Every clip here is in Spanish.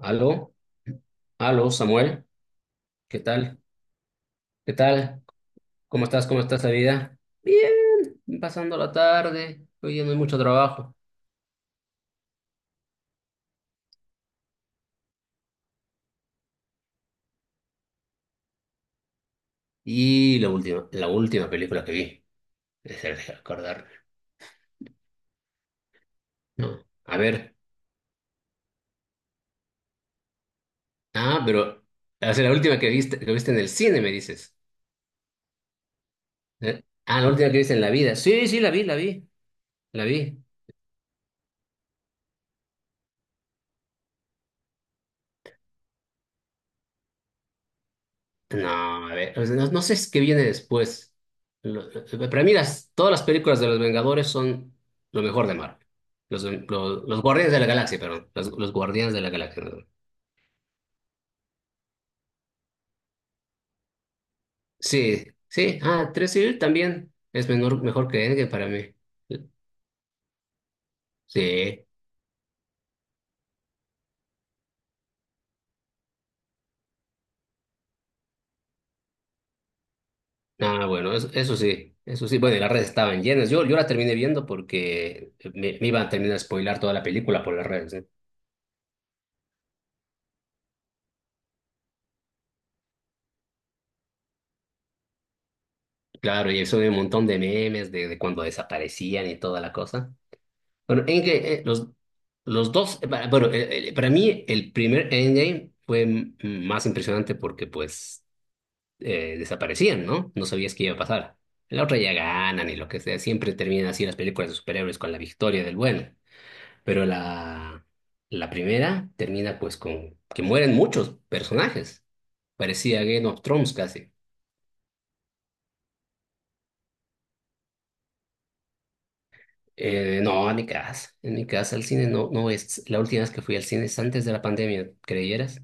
Aló, aló, Samuel, ¿qué tal? ¿Qué tal? ¿Cómo estás? ¿Cómo estás la vida? Bien, pasando la tarde, hoy día no hay mucho trabajo. Y la última película que vi, es el de acordar. No, a ver, ah, pero, o sea, la última que viste en el cine, me dices. ¿Eh? Ah, la última que viste en la vida. Sí, sí, la vi, la vi. No, a ver, pues, no, no sé es qué viene después. Lo- Para mí todas las películas de los Vengadores son lo mejor de Marvel. Los Guardianes de la Galaxia, perdón. Los Guardianes de la Galaxia, perdón. Sí, sí. Ah, 3 Civil también es mejor que Endgame para mí. Sí. Ah, bueno, eso sí. Eso sí. Bueno, y las redes estaban llenas. Yo la terminé viendo porque me iban a terminar a spoilar toda la película por las redes, ¿eh? Claro, y eso de un montón de memes de cuando desaparecían y toda la cosa. Bueno, Endgame, los, para mí el primer Endgame fue más impresionante porque pues desaparecían, ¿no? No sabías qué iba a pasar. La otra ya ganan y lo que sea, siempre terminan así las películas de superhéroes con la victoria del bueno. Pero la primera termina pues con que mueren muchos personajes. Parecía Game of Thrones casi. No, en mi casa al cine no, no es, la última vez que fui al cine es antes de la pandemia, ¿creyeras?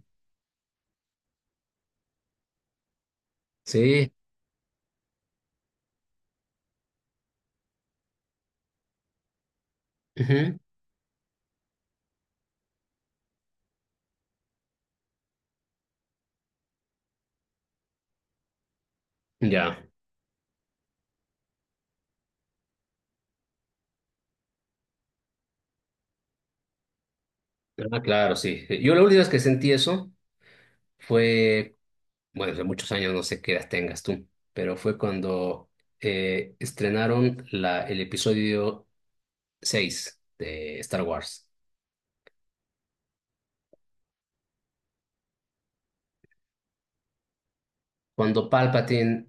Sí. Ujú. Ya, ah, claro, sí. Yo la última vez que sentí eso fue, bueno, hace muchos años, no sé qué edad tengas tú, pero fue cuando estrenaron el episodio 6 de Star Wars. Cuando Palpatine,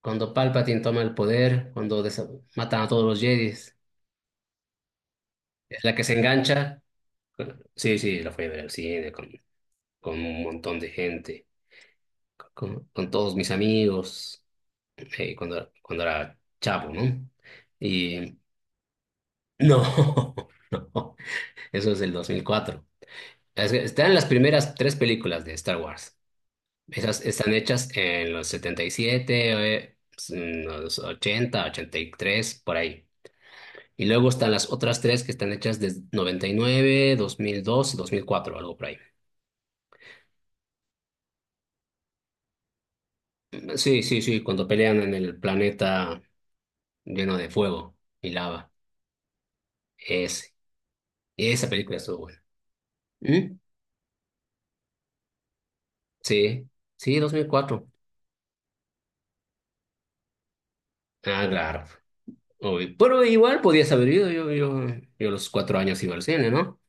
cuando Palpatine toma el poder, matan a todos los Jedis, es la que se engancha. Sí, sí, la fui a ver al cine con un montón de gente, con todos mis amigos, cuando era chavo, ¿no? Y No, no, eso es del 2004. Es que están las primeras tres películas de Star Wars. Esas están hechas en los 77, en los 80, 83 por ahí. Y luego están las otras tres que están hechas desde 99, 2002 y 2004, algo por ahí. Sí, sí, sí, cuando pelean en el planeta lleno de fuego y lava. Ese, esa película estuvo buena. ¿Mm? Sí, sí, 2004. Ah, claro. Uy, pero igual podías haber ido, yo a los 4 años iba al cine, ¿no?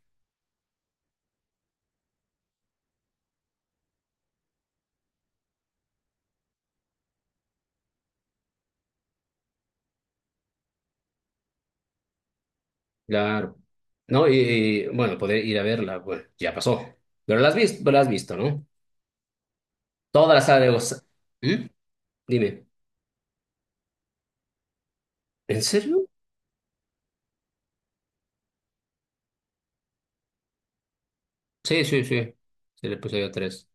Claro. No, bueno, poder ir a verla, bueno, ya pasó. Pero la has visto, ¿no? Toda la saga de ¿Mm? Dime, ¿en serio? Sí, sí, sí. Sí, le puse yo 3.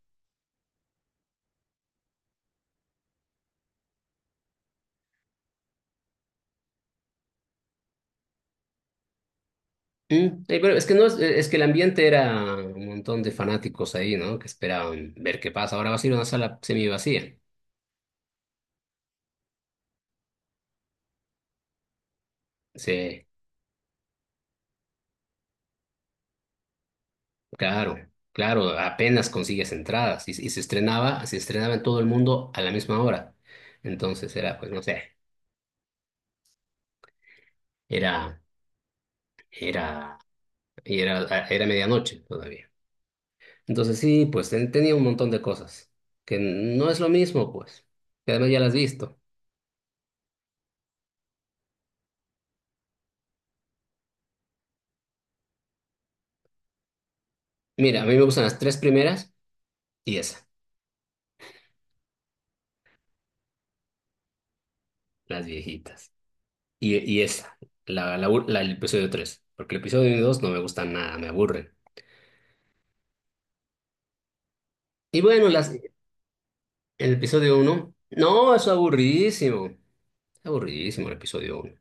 ¿Mm? Pero es que no es, es que el ambiente era un montón de fanáticos ahí, ¿no? Que esperaban ver qué pasa. Ahora va a ser una sala semi vacía. Sí. Claro, claro, apenas consigues entradas y se estrenaba en todo el mundo a la misma hora. Entonces era, pues no sé, era, era, y era, ah, era medianoche todavía. Entonces sí, pues tenía un montón de cosas que no es lo mismo, pues, que además ya las has visto. Mira, a mí me gustan las tres primeras y esa, las viejitas. Y esa, el episodio 3, porque el episodio 1 y 2 no me gustan nada, me aburren. Y bueno, las, el episodio uno, no, es aburridísimo. Aburridísimo el episodio 1.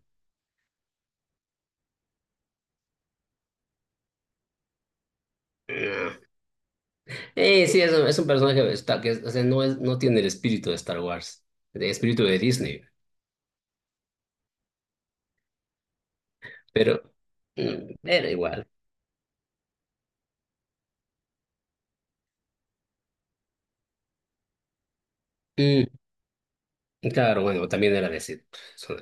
Sí, es un personaje de Star, o sea, no, es, no tiene el espíritu de Star Wars, el espíritu de Disney, pero mm, era igual. Mm, claro, bueno, también era de, so-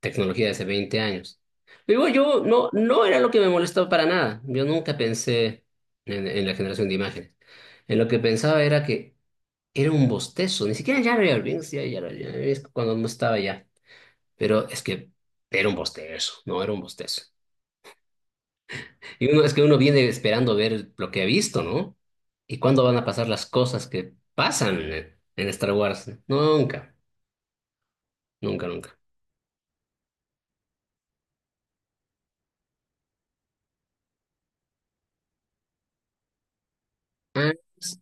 tecnología de hace 20 años. Digo, yo no, no era lo que me molestó para nada. Yo nunca pensé en la generación de imágenes. En lo que pensaba era que era un bostezo, ni siquiera Jar Jar Binks, ya, ya, ya, es cuando no estaba ya. Pero es que era un bostezo, no era un bostezo. Y uno, es que uno viene esperando ver lo que ha visto, ¿no? ¿Y cuándo van a pasar las cosas que pasan en Star Wars? Nunca, nunca, nunca. Ah,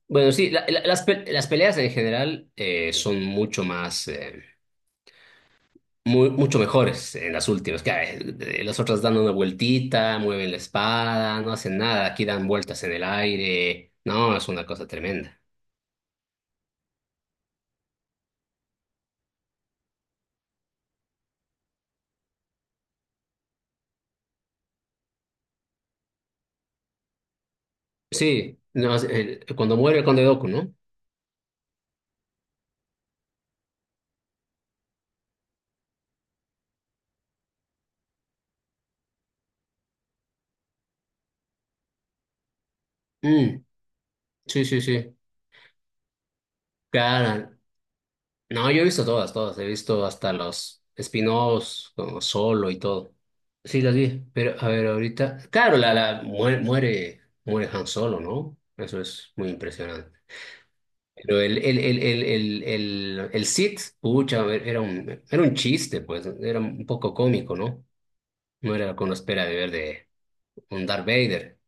bueno, sí, las, las peleas en general son mucho más, mucho mejores en las últimas. Que, las otras dan una vueltita, mueven la espada, no hacen nada. Aquí dan vueltas en el aire. No, es una cosa tremenda. Sí, no, cuando muere el Conde Dooku, ¿no? Mm, sí, sí, sí. Claro. No, yo he visto todas, todas. He visto hasta los spin-offs, como Solo y todo. Sí, las vi. Pero, a ver, ahorita. Claro, muere Han Solo, ¿no? Eso es muy impresionante. Pero el Sith, pucha, a ver, era un chiste, pues. Era un poco cómico, ¿no? No era con la espera de ver de un Darth Vader,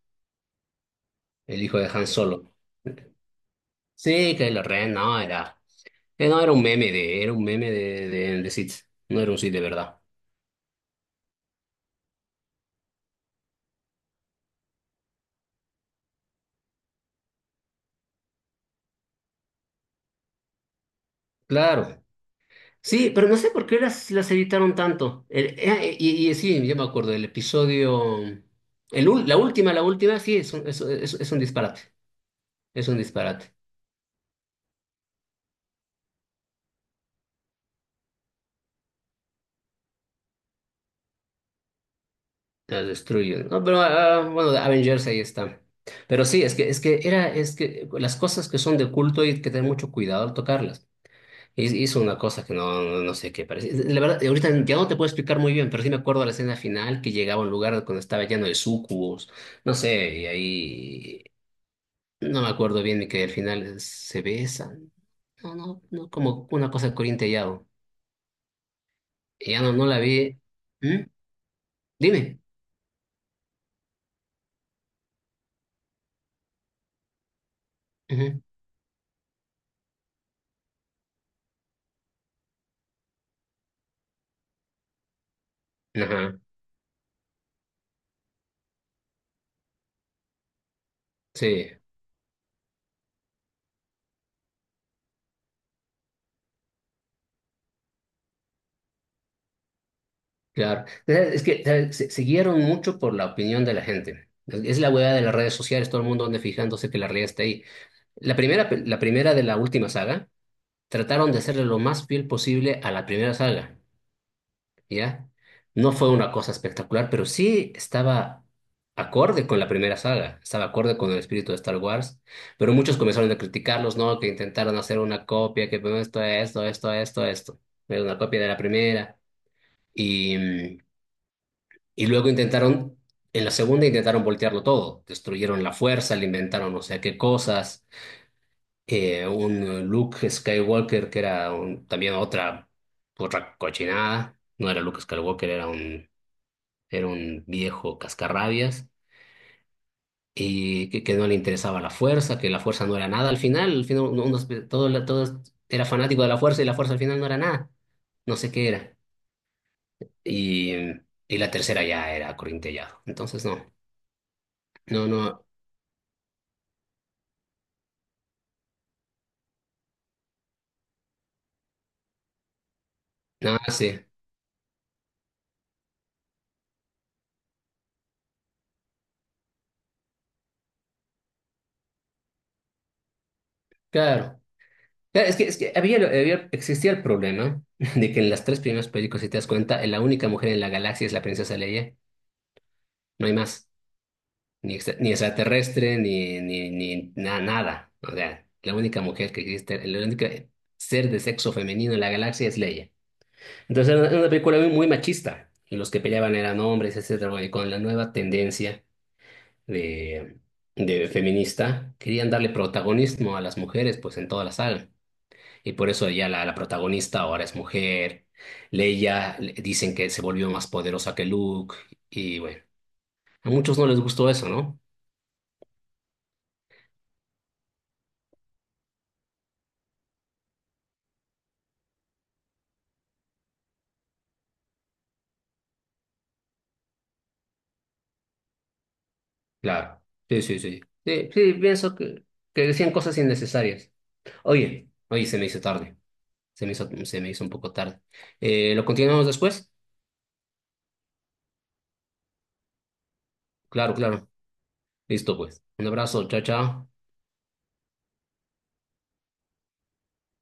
el hijo de Han Solo. Sí, Kylo Ren, no, era. No, era un meme era un meme de Sith. No era un Sith de verdad. Claro. Sí, pero no sé por qué las editaron tanto. Y sí, yo me acuerdo del episodio. El, ul- la última, sí, es un, es un disparate. Es un disparate. La destruyen. No, pero ah, bueno, Avengers ahí está. Pero sí, es que era, es que las cosas que son de culto hay que tener mucho cuidado al tocarlas. Hizo una cosa que no, no, no sé qué parece. La verdad, ahorita ya no te puedo explicar muy bien, pero sí me acuerdo la escena final que llegaba a un lugar cuando estaba lleno de sucubos. No sé, y ahí no me acuerdo bien y que al final se besan. No, no, no, como una cosa corintellado. Y ya no, no la vi. ¿Mm? Dime. Ujú. Ajá, sí, claro. Es que ¿sabes? Se guiaron mucho por la opinión de la gente. Es la hueá de las redes sociales, todo el mundo anda fijándose que la realidad está ahí. La primera de la última saga trataron de hacerle lo más fiel posible a la primera saga, ¿ya? No fue una cosa espectacular, pero sí estaba acorde con la primera saga, estaba acorde con el espíritu de Star Wars, pero muchos comenzaron a criticarlos, ¿no? Que intentaron hacer una copia, que bueno, esto, era una copia de la primera, y, mm, y luego intentaron, en la segunda intentaron voltearlo todo, destruyeron la fuerza, le inventaron no sé qué cosas un Luke Skywalker que era también otra, otra cochinada. No era Luke Skywalker, era un viejo cascarrabias y que no le interesaba la fuerza, que la fuerza no era nada. Al final uno- uno se- todo, la- todo era fanático de la fuerza y la fuerza al final no era nada. No sé qué era. Y, y la tercera ya era corintellado. Entonces no, no, nada, sí. Claro. Claro, es que había- existía el problema de que en las tres primeras películas, si te das cuenta, la única mujer en la galaxia es la princesa Leia. No hay más. Ni, ni extraterrestre, ni, ni, ni na- nada. O sea, la única mujer que existe, el único ser de sexo femenino en la galaxia es Leia. Entonces era una película muy, muy machista. Y los que peleaban eran hombres, etcétera. Bueno, y con la nueva tendencia de, de feminista, querían darle protagonismo a las mujeres, pues en toda la saga. Y por eso ya la protagonista ahora es mujer. Dicen que se volvió más poderosa que Luke. Y bueno, a muchos no les gustó eso, ¿no? Claro. Sí, sí, sí. Sí, sí, pienso que decían cosas innecesarias. Oye, oye, se me hizo tarde. Se me hizo un poco tarde. ¿Lo continuamos después? Claro, claro. Listo, pues. Un abrazo. Chao, chao.